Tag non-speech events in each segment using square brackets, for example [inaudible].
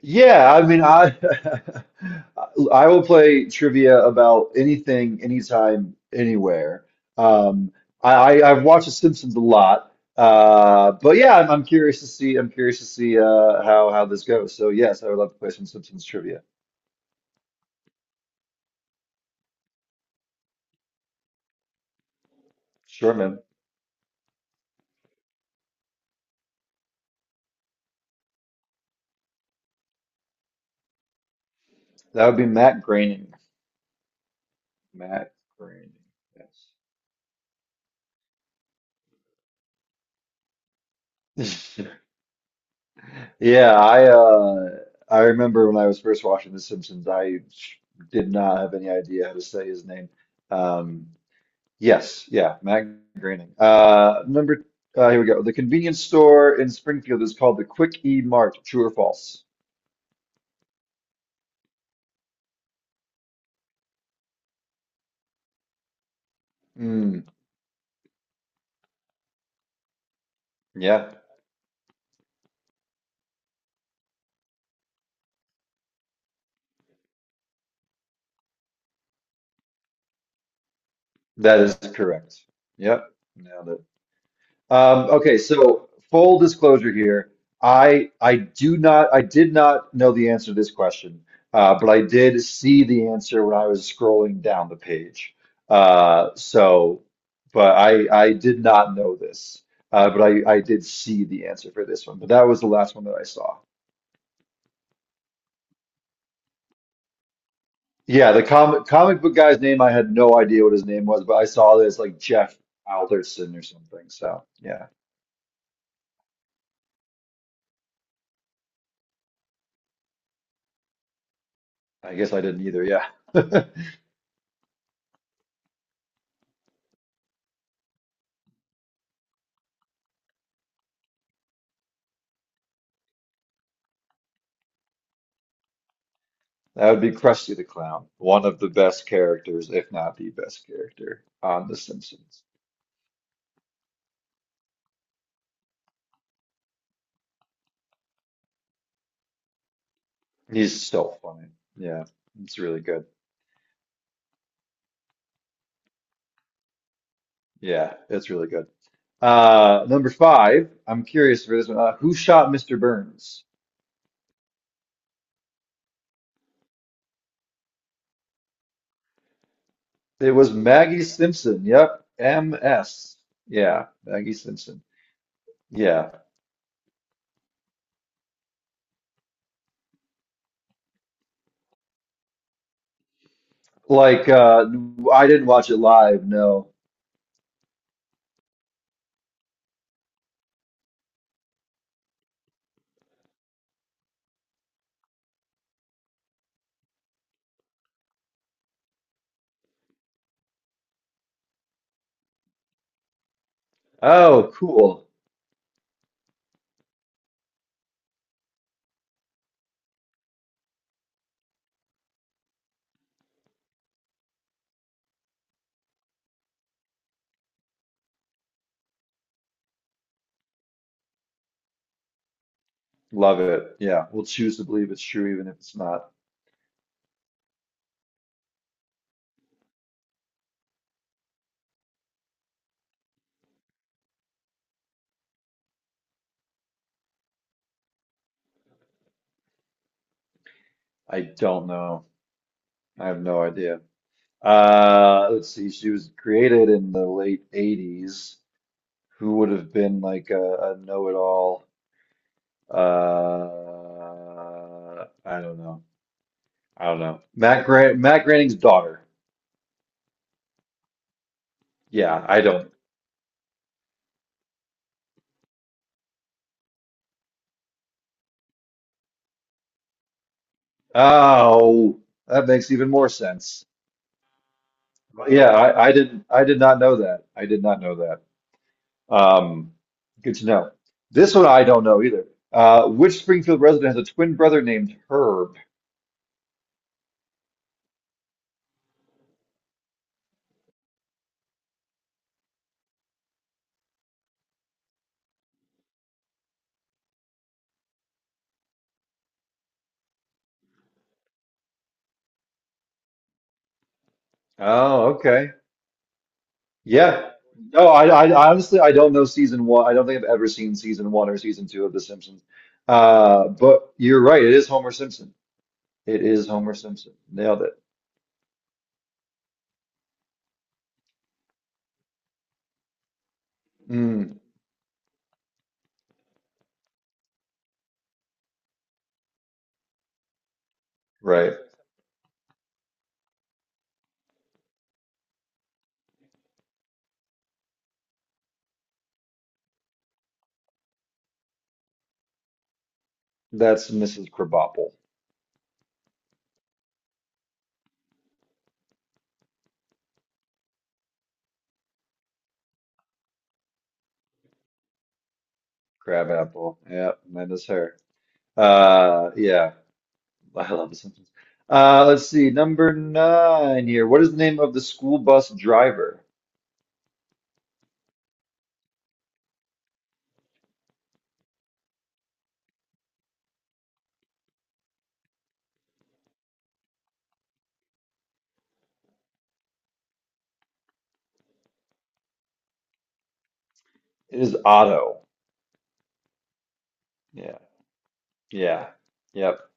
Yeah, I mean, I [laughs] I will play trivia about anything, anytime, anywhere. Um, I, I've watched The Simpsons a lot, but yeah, I'm curious to see. I'm curious to see how this goes. So yes, I would love to play some Simpsons trivia. Sure, man. That would be Matt Groening. Matt Groening. Yes. [laughs] Yeah, I remember when I was first watching The Simpsons, I did not have any idea how to say his name. Um, Yes, yeah, Matt Groening. Here we go. The convenience store in Springfield is called the Quick E Mart. True or false? Mm, yeah, that is correct. Yep, nailed it. Okay, so full disclosure here, I do not I did not know the answer to this question, but I did see the answer when I was scrolling down the page. Uh, so, but I did not know this, but I did see the answer for this one. But that was the last one that I saw. Yeah, the comic book guy's name I had no idea what his name was, but I saw this like Jeff Alderson or something. So yeah, I guess I didn't either. Yeah. [laughs] That would be Krusty the Clown, one of the best characters, if not the best character on The Simpsons. He's so funny. Yeah, it's really good. Yeah, it's really good. Number five, I'm curious for this one. Who shot Mr. Burns? It was Maggie Simpson. Yep, MS. Yeah, Maggie Simpson. Yeah, like uh, I didn't watch it live. No. Oh, cool. Love it. Yeah, we'll choose to believe it's true even if it's not. I don't know. I have no idea. Let's see. She was created in the late 80s. Who would have been like a know-it-all? I don't know. I don't know. Matt Grant, Matt Groening's daughter. Yeah, I don't. Oh, that makes even more sense. Yeah, I didn't. I did not know that. I did not know that. Um, Good to know. This one I don't know either. Which Springfield resident has a twin brother named Herb? Oh, okay. Yeah. No, I don't know season one. I don't think I've ever seen season one or season two of The Simpsons. But you're right. It is Homer Simpson. It is Homer Simpson. Nailed it. Mm, right. That's Mrs. Crabapple. Crabapple. Yeah, that is her. Yeah. I love The Simpsons. Let's see. Number nine here. What is the name of the school bus driver? It is Otto. Yeah. Yeah. Yep. [laughs]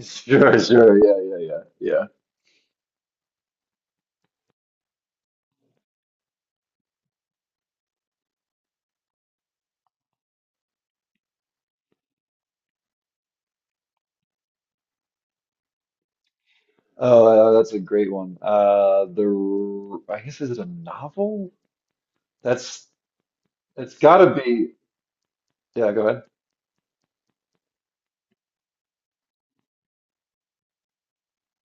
Sure, sure. Yeah, yeah, yeah. Yeah. Oh, that's a great one. The I guess is it a novel? That's It's got to be. Yeah, go ahead.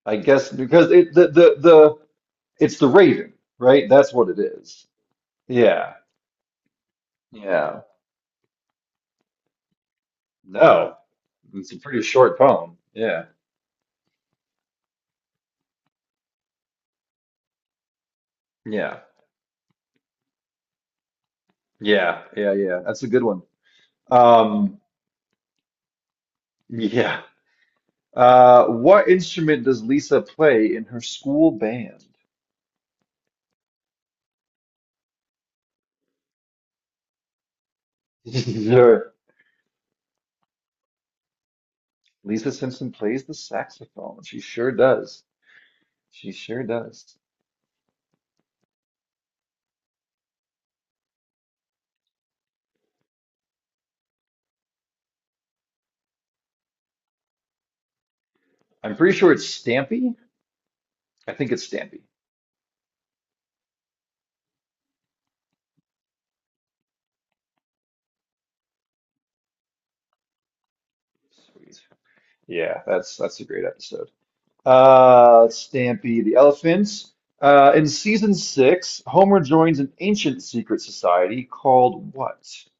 I guess because it's the Raven, right? That's what it is. Yeah, yeah. No, it's a pretty short poem. Yeah, yeah, yeah, yeah, yeah. That's a good one. Um, yeah. What instrument does Lisa play in her school band? [laughs] Sure. Lisa Simpson plays the saxophone. She sure does. She sure does. I'm pretty sure it's Stampy. I think it's Stampy. Sweet. Yeah, that's a great episode. Stampy the elephant. In season six, Homer joins an ancient secret society called what? [laughs]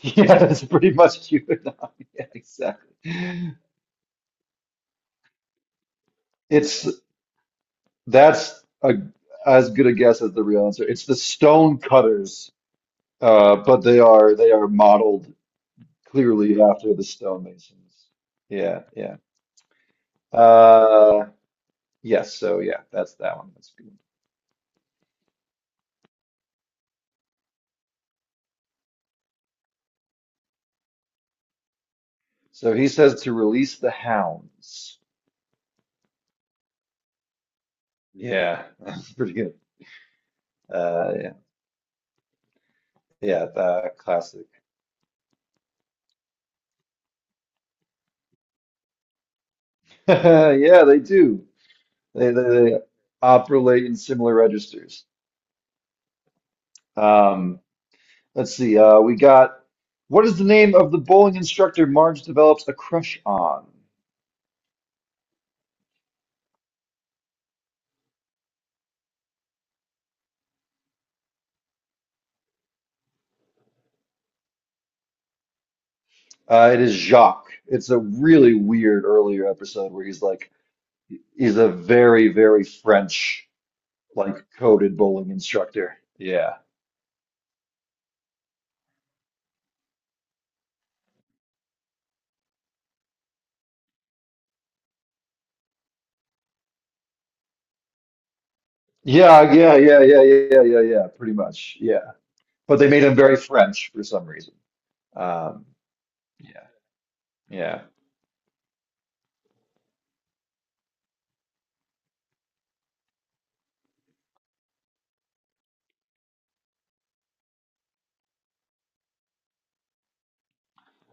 Yeah, that's pretty much QAnon. [laughs] Yeah, exactly. It's that's a, as good a guess as the real answer. It's the Stone Cutters, but they are modeled clearly after the stonemasons. Yeah, yeah. Uh, yes, so yeah, that's that one. That's good. So he says to release the hounds. Yeah, [laughs] that's pretty good. Yeah, yeah, that classic. [laughs] Yeah, they do. They operate in similar registers. Um, let's see. We got what is the name of the bowling instructor Marge develops a crush on? It is Jacques. It's a really weird earlier episode where he's a very, very French, like, coded bowling instructor. Yeah. Yeah, yeah, yeah, yeah, yeah, yeah, yeah, yeah, pretty much. Yeah. But they made him very French for some reason. Um, yeah, yeah.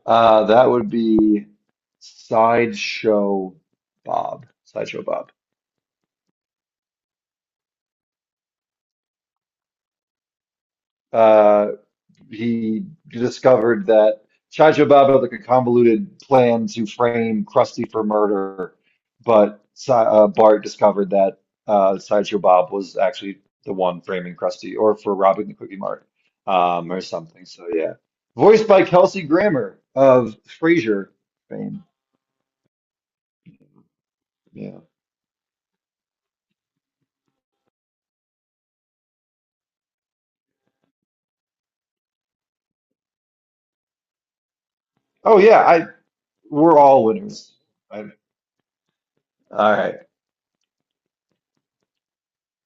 That would be Sideshow Bob. Sideshow Bob. Uh, he discovered that Chaja Baba had like a convoluted plan to frame Krusty for murder, but Bart discovered that Sideshow Bob was actually the one framing Krusty, or for robbing the Cookie Mart, or something. So yeah, voiced by Kelsey Grammer of Frasier fame. Yeah. Oh yeah, I we're all winners. I, all right.